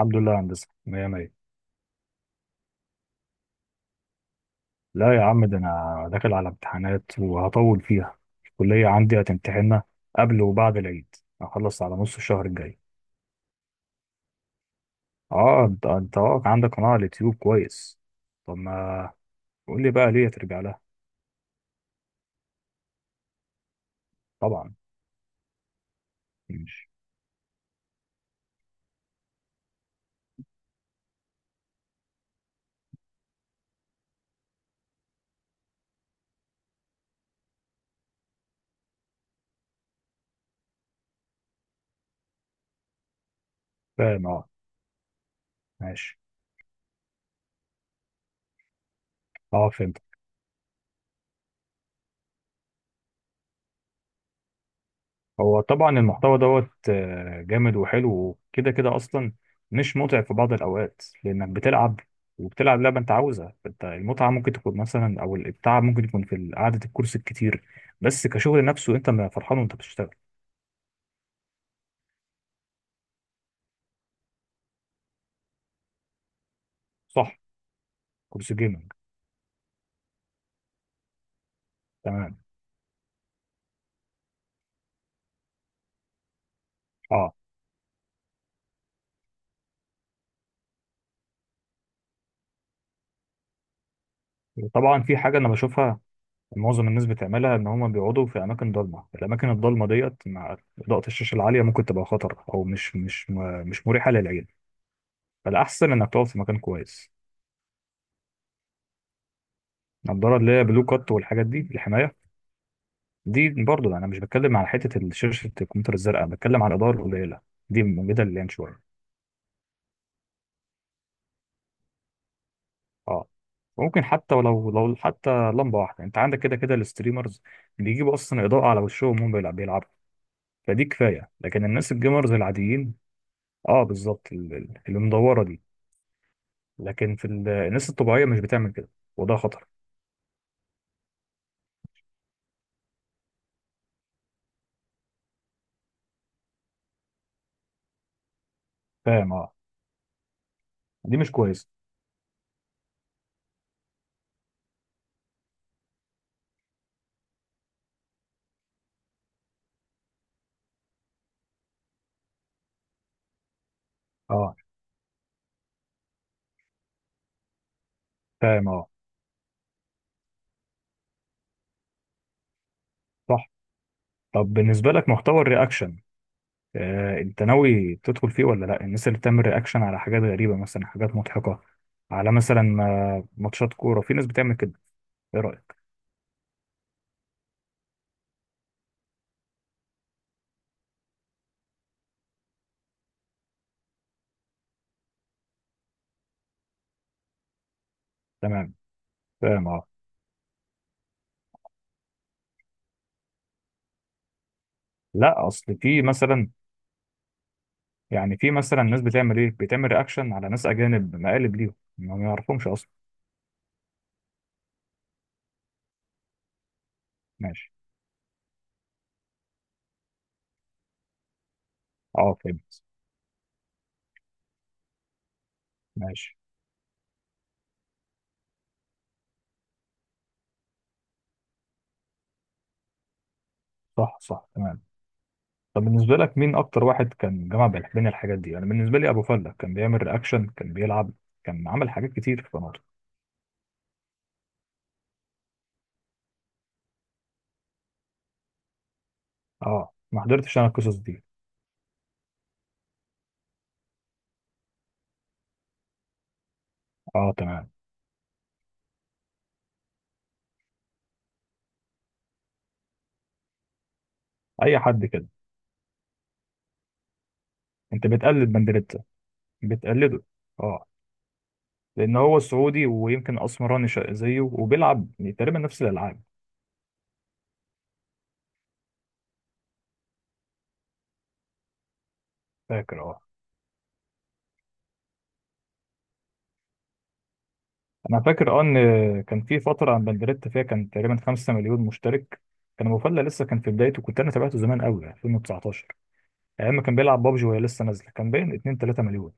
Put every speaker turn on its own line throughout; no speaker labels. الحمد لله يا هندسة، مية مية. لا يا عم، ده أنا داخل على امتحانات وهطول فيها. الكلية عندي هتمتحننا قبل وبعد العيد. هخلص على نص الشهر الجاي. اه انت واقع عندك قناة على اليوتيوب، كويس. طب ما قول لي بقى ليه هترجع لها؟ طبعا. مش فاهم اه. ماشي. اه فهمت. هو طبعا المحتوى دوت آه، جامد وحلو وكده كده اصلا. مش متعب في بعض الاوقات، لانك بتلعب، وبتلعب لعبه انت عاوزها، فانت المتعه ممكن تكون مثلا، او التعب ممكن يكون في قعده الكرسي الكتير. بس كشغل نفسه، انت ما فرحان وانت بتشتغل. صح. كرسي جيمنج. تمام. اه. وطبعا في حاجه انا بشوفها، معظم الناس بتعملها، ان هم بيقعدوا في اماكن ضلمه. الاماكن الضلمه ديت مع اضاءه الشاشه العاليه ممكن تبقى خطر، او مش مريحه للعين. فالاحسن انك تقعد في مكان كويس. النضاره اللي هي بلو كات والحاجات دي، الحمايه، دي برضو. انا مش بتكلم على حته شاشه الكمبيوتر الزرقاء، بتكلم على الاضاءه القليله. دي موجوده اللي يعني شويه. اه، ممكن حتى ولو حتى لمبه واحده انت عندك، كده كده الستريمرز بيجيبوا اصلا اضاءه على وشهم وهم بيلعبوا. فدي كفايه، لكن الناس الجيمرز العاديين. اه بالظبط المدوره دي. لكن في الناس الطبيعيه مش بتعمل كده، وده خطر. فاهم اه. دي مش كويس. اه. فاهم اه. صح. طب بالنسبه لك محتوى الرياكشن، آه، انت ناوي تدخل فيه ولا لا؟ الناس اللي بتعمل رياكشن على حاجات غريبة، مثلا حاجات مضحكة، على مثلا ماتشات كورة، في ناس بتعمل كده. ايه رأيك؟ تمام. فاهم اه. لا اصل في مثلا. يعني في مثلا ناس بتعمل ايه، بتعمل رياكشن على ناس اجانب، مقالب ليهم ما يعرفهمش اصلا. ماشي. اه فهمت. ماشي. صح، صح، تمام. طب بالنسبة لك مين اكتر واحد كان جمع بين الحاجات دي؟ انا بالنسبة لي ابو فلة كان بيعمل رياكشن، كان بيلعب، كان عمل حاجات كتير في قناته. اه، ما حضرتش انا القصص دي. اه، تمام. اي حد كده، انت بتقلد بندريتا، بتقلده. اه. لان هو سعودي ويمكن اسمراني زيه، وبيلعب تقريبا نفس الالعاب. فاكر اه. انا فاكر اه، ان كان في فتره عن بندريتا فيها كان تقريبا 5 مليون مشترك، كان أبو فله لسه كان في بدايته. كنت انا تابعته زمان قوي 2019، ايام ما كان بيلعب بابجي وهي لسه نازله، كان باين 2 3 مليون.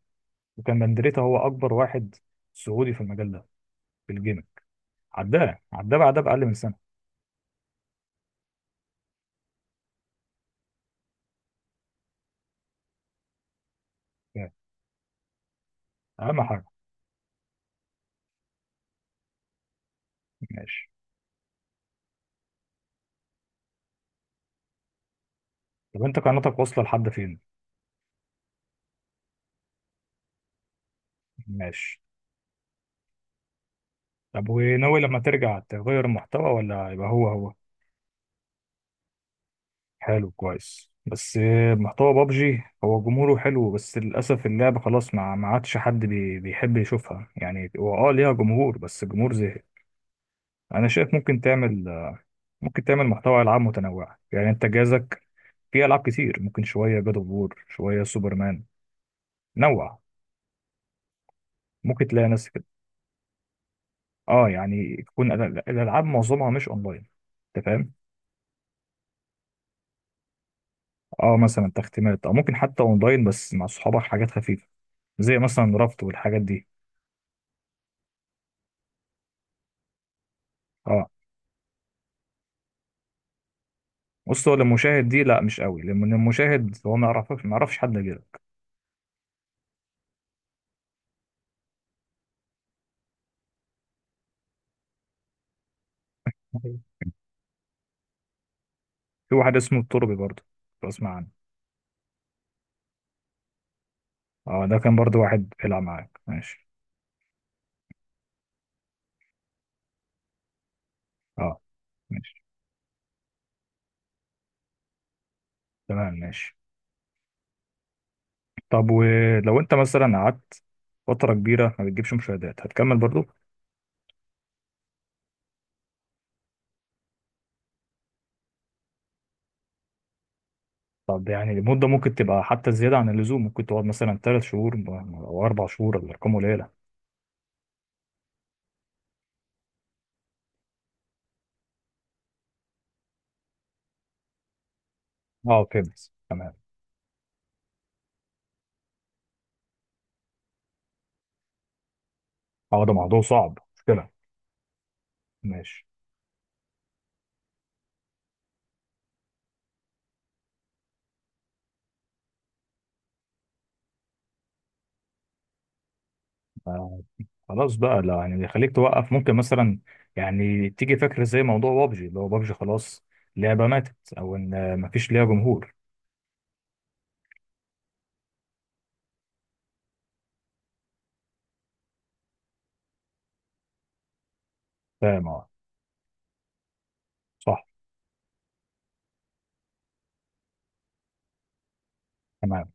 وكان بندريتا هو اكبر واحد سعودي في المجال ده، في الجيمنج. عداه عداه بعدها باقل من سنه يعني. اهم حاجه. ماشي. طب انت قناتك واصله لحد فين؟ ماشي. طب وناوي لما ترجع تغير المحتوى، ولا يبقى هو هو؟ حلو كويس، بس آه، محتوى بابجي هو جمهوره حلو، بس للأسف اللعبة خلاص ما عادش حد بيحب يشوفها. يعني هو ليها جمهور، بس الجمهور زهق. أنا شايف ممكن تعمل محتوى ألعاب متنوعة. يعني أنت جهازك فيه ألعاب كتير، ممكن شوية جاد أوف وور، شوية سوبرمان، نوع. ممكن تلاقي ناس كده. اه يعني تكون الألعاب معظمها مش أونلاين. أنت فاهم. اه. مثلا تختيمات، او ممكن حتى اونلاين بس مع صحابك، حاجات خفيفه زي مثلا ربط والحاجات دي. اه، بص هو للمشاهد دي لا مش قوي، لان المشاهد هو ما يعرفش حد غيرك. في واحد اسمه التربي برضه، لو اسمع عنه. اه، ده كان برضه واحد بيلعب معاك، ماشي. اه، ماشي تمام، ماشي. طب ولو انت مثلا قعدت فترة كبيرة ما بتجيبش مشاهدات، هتكمل برضه؟ طب يعني المدة ممكن تبقى حتى زيادة عن اللزوم، ممكن تقعد مثلا 3 شهور أو 4 شهور، الأرقام قليلة. اه فهمت، تمام. اه، ده موضوع صعب، مشكلة. ماشي. آه. خلاص بقى، لا يعني يخليك توقف، ممكن مثلا يعني تيجي فكرة زي موضوع بابجي، اللي هو بابجي خلاص لعبة ماتت، او ان مفيش ليها جمهور. فاهم اه. صح، تمام.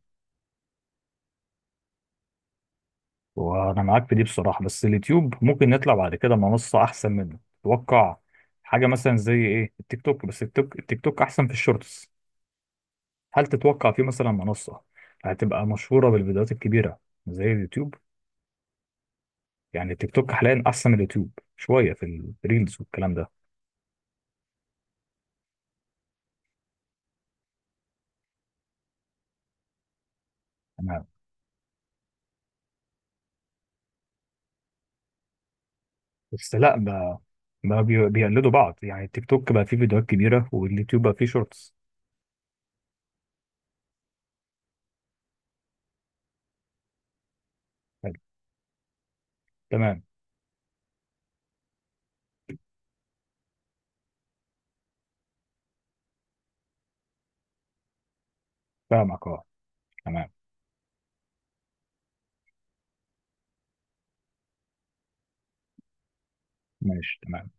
وانا معاك في دي بصراحة، بس اليوتيوب ممكن نطلع بعد كده منصة احسن منه، تتوقع حاجة مثلا زي ايه؟ التيك توك. بس التيك توك احسن في الشورتس. هل تتوقع في مثلا منصة هتبقى مشهورة بالفيديوهات الكبيرة زي اليوتيوب؟ يعني التيك توك حاليا احسن من اليوتيوب شوية في الريلز والكلام ده. بس لا ما بيقلدوا بعض، يعني التيك توك بقى فيه فيديوهات كبيرة واليوتيوب بقى فيه شورتس. حلو. تمام. فاهمك اه. تمام ماشي. تمام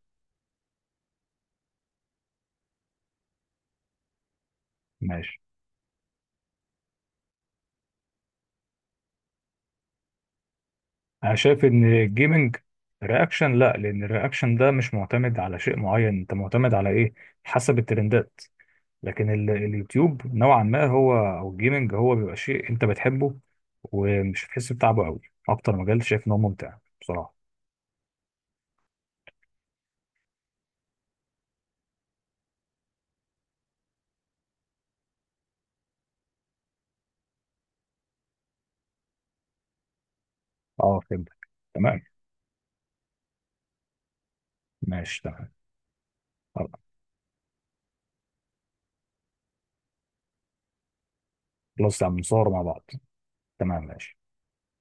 ماشي. انا شايف ان الجيمنج، رياكشن لا، لان الرياكشن ده مش معتمد على شيء معين، انت معتمد على ايه؟ حسب الترندات. لكن اليوتيوب نوعا ما هو، او الجيمنج هو بيبقى شيء انت بتحبه ومش هتحس بتعبه قوي. اكتر مجال شايف ان هو ممتع بصراحة. اه فهمتك، تمام. ماشي، تمام. خلاص يا عم نصور مع بعض. تمام ماشي.